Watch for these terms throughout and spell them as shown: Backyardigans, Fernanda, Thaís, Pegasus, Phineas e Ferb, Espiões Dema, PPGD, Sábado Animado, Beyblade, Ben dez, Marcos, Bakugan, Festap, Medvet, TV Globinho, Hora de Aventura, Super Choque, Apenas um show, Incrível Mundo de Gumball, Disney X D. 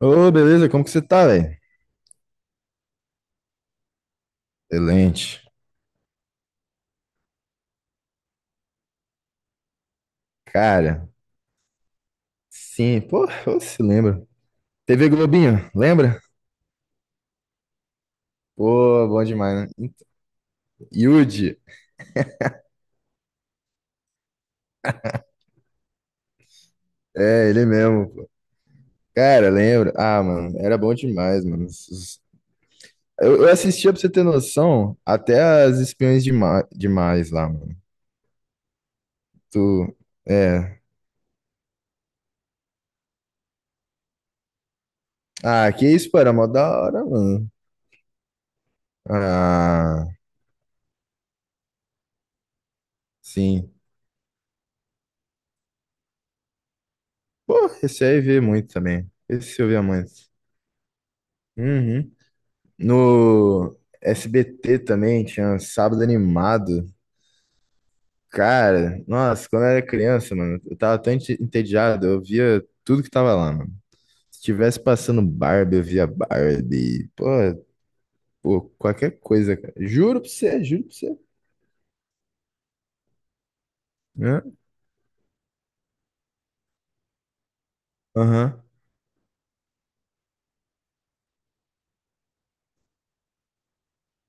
Ô, beleza, como que você tá, velho? Excelente. Cara, sim, pô, eu se lembra. TV Globinho, lembra? Pô, bom demais, né? Yudi, é, ele mesmo, pô. Cara, lembra? Ah, mano, era bom demais, mano. Eu assistia, pra você ter noção, até as Espiões Demais lá, mano. Tu, é. Ah, que isso, pô, era mó da hora, mano. Ah, sim. Pô, esse aí eu via muito também. Esse eu via muito. Uhum. No SBT também tinha Sábado Animado. Cara, nossa, quando eu era criança, mano, eu tava tão entediado, eu via tudo que tava lá, mano. Se tivesse passando Barbie, eu via Barbie. Pô, qualquer coisa, cara. Juro pra você, juro pra você. Hã? Aham.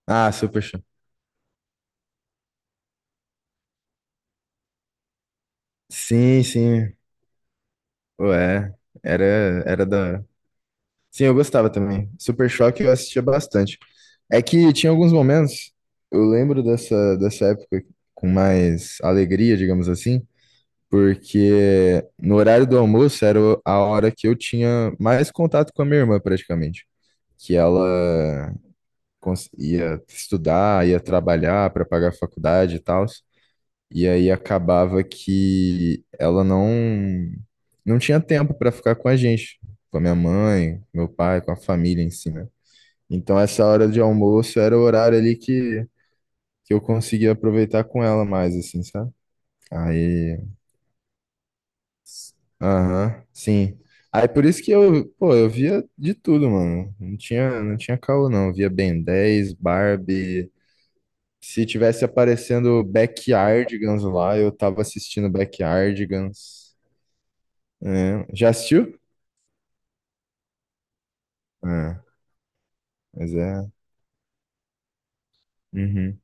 Ah, Super Show. Sim, sim. Ué, era, era da hora. Sim, eu gostava também. Super Choque eu assistia bastante. É que tinha alguns momentos, eu lembro dessa época com mais alegria, digamos assim, porque no horário do almoço era a hora que eu tinha mais contato com a minha irmã, praticamente. Que ela ia estudar, ia trabalhar para pagar a faculdade e tal. E aí acabava que ela não tinha tempo para ficar com a gente, com a minha mãe, com meu pai, com a família em si, né? Então essa hora de almoço era o horário ali que eu conseguia aproveitar com ela mais, assim, sabe? Aí, aham, sim. Aí por isso que eu, pô, eu via de tudo, mano. Não tinha caô, não. Eu via Ben 10, Barbie. Se tivesse aparecendo Backyardigans lá, eu tava assistindo Backyardigans. É, já assistiu? É, mas é. Uhum.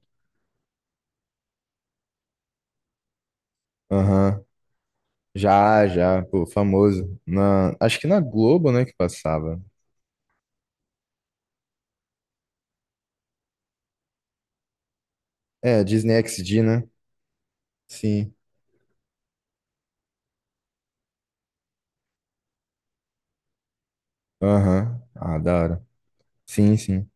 Aham. Já, já, pô, famoso. Acho que na Globo, né, que passava. É, Disney XD né? Sim. Aham. Ah, da hora. Sim, sim.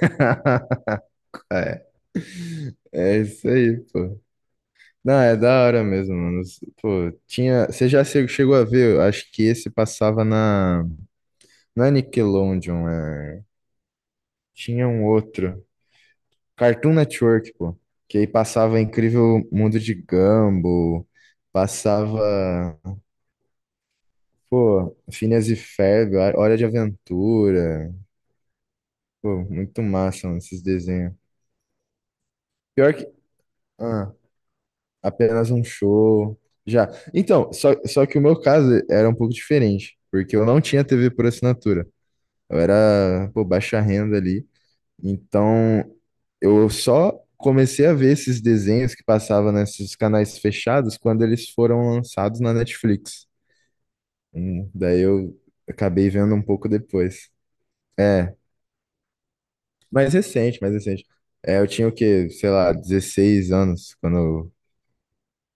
É, é isso aí, pô. Não, é da hora mesmo, mano. Pô, tinha. Você já chegou a ver? Eu acho que esse passava na. Na Nickelodeon, é. Tinha um outro. Cartoon Network, pô. Que aí passava Incrível Mundo de Gumball. Passava. Pô, Phineas e Ferb, Hora de Aventura. Pô, muito massa, mano, esses desenhos. Pior que. Ah, Apenas um show. Já. Então, só que o meu caso era um pouco diferente, porque eu não tinha TV por assinatura. Eu era, pô, baixa renda ali. Então, eu só comecei a ver esses desenhos que passavam nesses canais fechados quando eles foram lançados na Netflix. Daí eu acabei vendo um pouco depois. É, mais recente, mais recente. É, eu tinha o quê? Sei lá, 16 anos quando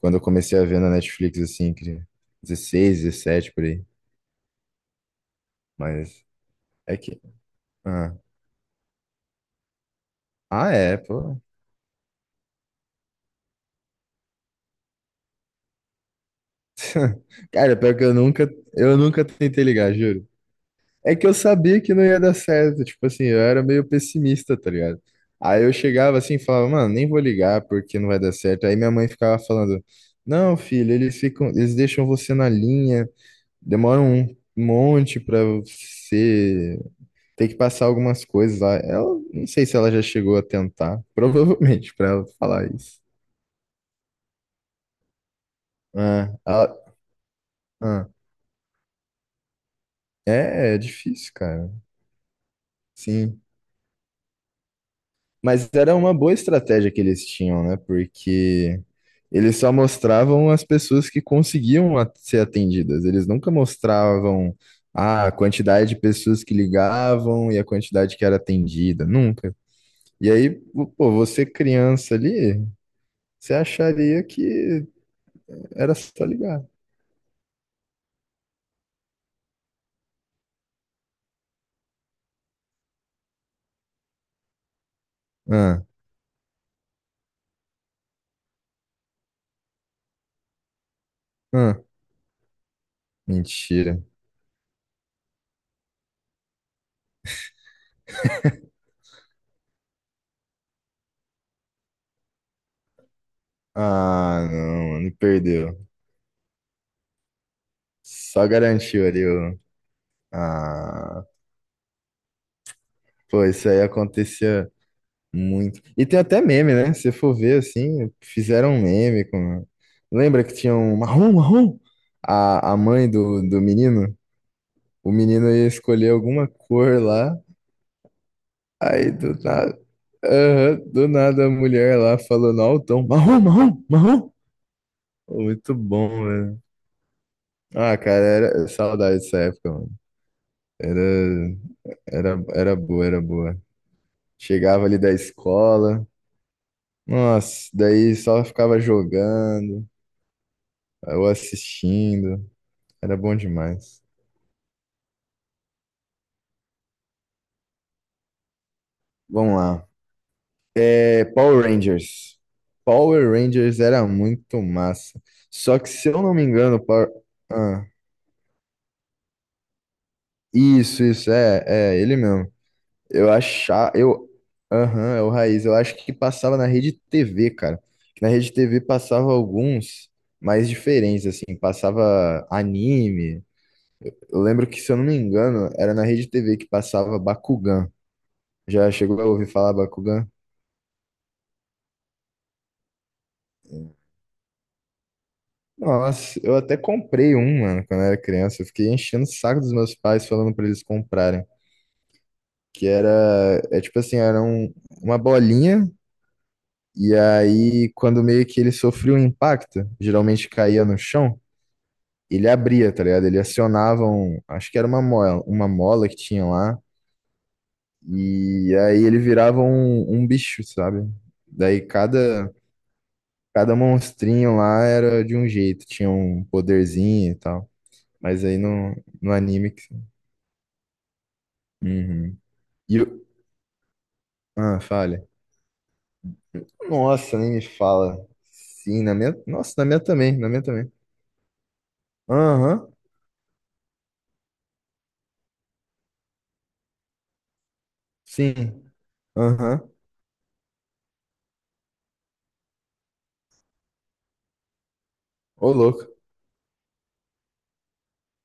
Quando eu comecei a ver na Netflix, assim, que 16, 17 por aí. Mas é que. Ah, ah é, pô. Cara, pior que eu nunca tentei ligar, juro. É que eu sabia que não ia dar certo, tipo assim, eu era meio pessimista, tá ligado? Aí eu chegava assim e falava, mano, nem vou ligar porque não vai dar certo. Aí minha mãe ficava falando, não, filho, eles ficam, eles deixam você na linha, demoram um monte pra você. Tem que passar algumas coisas lá. Ela, não sei se ela já chegou a tentar. Provavelmente, pra ela falar isso. Ah, ah, é difícil, cara. Sim. Mas era uma boa estratégia que eles tinham, né? Porque eles só mostravam as pessoas que conseguiam ser atendidas. Eles nunca mostravam, ah, a quantidade de pessoas que ligavam e a quantidade que era atendida. Nunca. E aí, pô, você criança ali, você acharia que era só ligar. Ah, ah, mentira. Ah, não, mano, perdeu. Só garantiu ali o. Ah, pô, isso aí acontecia muito. E tem até meme, né? Se for ver assim, fizeram um meme com. Lembra que tinha um marrom, marrom? A mãe do menino? O menino ia escolher alguma cor lá. Aí do nada. Aham, do nada a mulher lá falou falando altão, marrom, marrom, marrom. Muito bom, velho. Ah, cara, era saudade dessa época, mano. Era, era boa, era boa. Chegava ali da escola, nossa, daí só ficava jogando ou assistindo. Era bom demais. Vamos lá. É, Power Rangers. Power Rangers era muito massa. Só que, se eu não me engano, Power... Ah, isso, é ele mesmo. Eu achava, eu, aham, é o Raiz, eu acho que passava na Rede TV, cara. Que na Rede TV passava alguns mais diferentes, assim, passava anime. Eu lembro que, se eu não me engano, era na Rede TV que passava Bakugan. Já chegou a ouvir falar Bakugan? Nossa, eu até comprei um, mano, quando eu era criança. Eu fiquei enchendo o saco dos meus pais falando pra eles comprarem. Que era, é tipo assim, era uma bolinha. E aí, quando meio que ele sofria um impacto, geralmente caía no chão, ele abria, tá ligado? Ele acionava um, acho que era uma mola que tinha lá, e aí ele virava um bicho, sabe? Daí cada monstrinho lá era de um jeito, tinha um poderzinho e tal. Mas aí no anime. Uhum. E o. Ah, falha. Nossa, nem me fala. Sim, na minha. Nossa, na minha também, na minha também. Aham, sim. Aham. Ô, louco.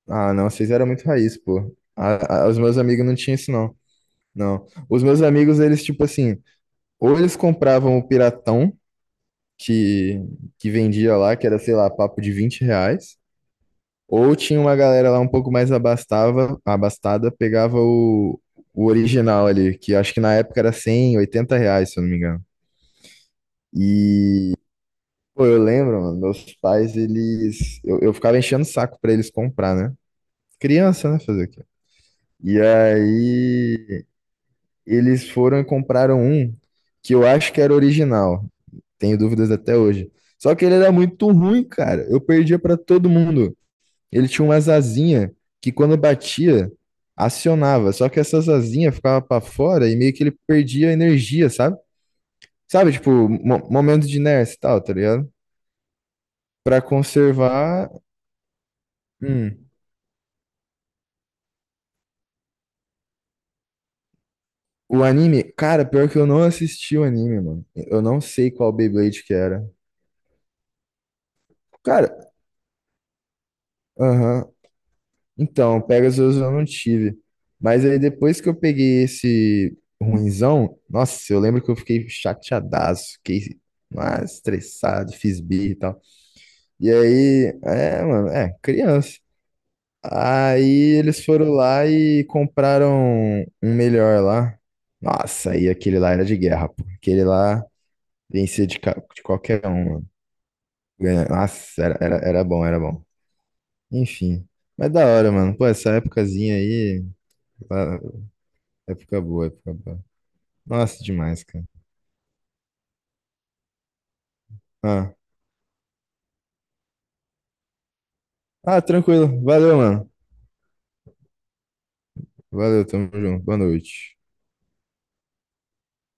Ah, não, vocês eram muito raiz, pô. Os meus amigos não tinham isso, não. Não. Os meus amigos, eles, tipo assim, ou eles compravam o piratão que, que vendia lá, que era, sei lá, papo de 20 reais, ou tinha uma galera lá um pouco mais abastada, pegava o original ali, que acho que na época era 100, 80 reais, se eu não me engano. E, pô, eu lembro, mano, meus pais, eles. Eu ficava enchendo o saco pra eles comprar, né? Criança, né? Fazer o quê? E aí. Eles foram e compraram um que eu acho que era original. Tenho dúvidas até hoje. Só que ele era muito ruim, cara. Eu perdia pra todo mundo. Ele tinha umas asinhas que quando batia, acionava. Só que essas asinhas ficavam pra fora e meio que ele perdia energia, sabe? Sabe, tipo, momento de inércia e tal, tá ligado? Pra conservar. hum, O anime, cara, pior que eu não assisti o anime, mano. Eu não sei qual Beyblade que era. Cara, aham. Então, Pegasus eu não tive. Mas aí depois que eu peguei esse ruinzão, nossa, eu lembro que eu fiquei chateadaço, fiquei estressado, fiz birra e tal. E aí, é, mano, é, criança. Aí eles foram lá e compraram um melhor lá. Nossa, aí aquele lá era de guerra, pô. Aquele lá vencia de, de qualquer um, mano. Nossa, era bom, era bom. Enfim. Mas da hora, mano. Pô, essa épocazinha aí. Época boa, época boa. Nossa, demais, cara. Ah, ah, tranquilo. Valeu, mano. Valeu, tamo junto. Boa noite.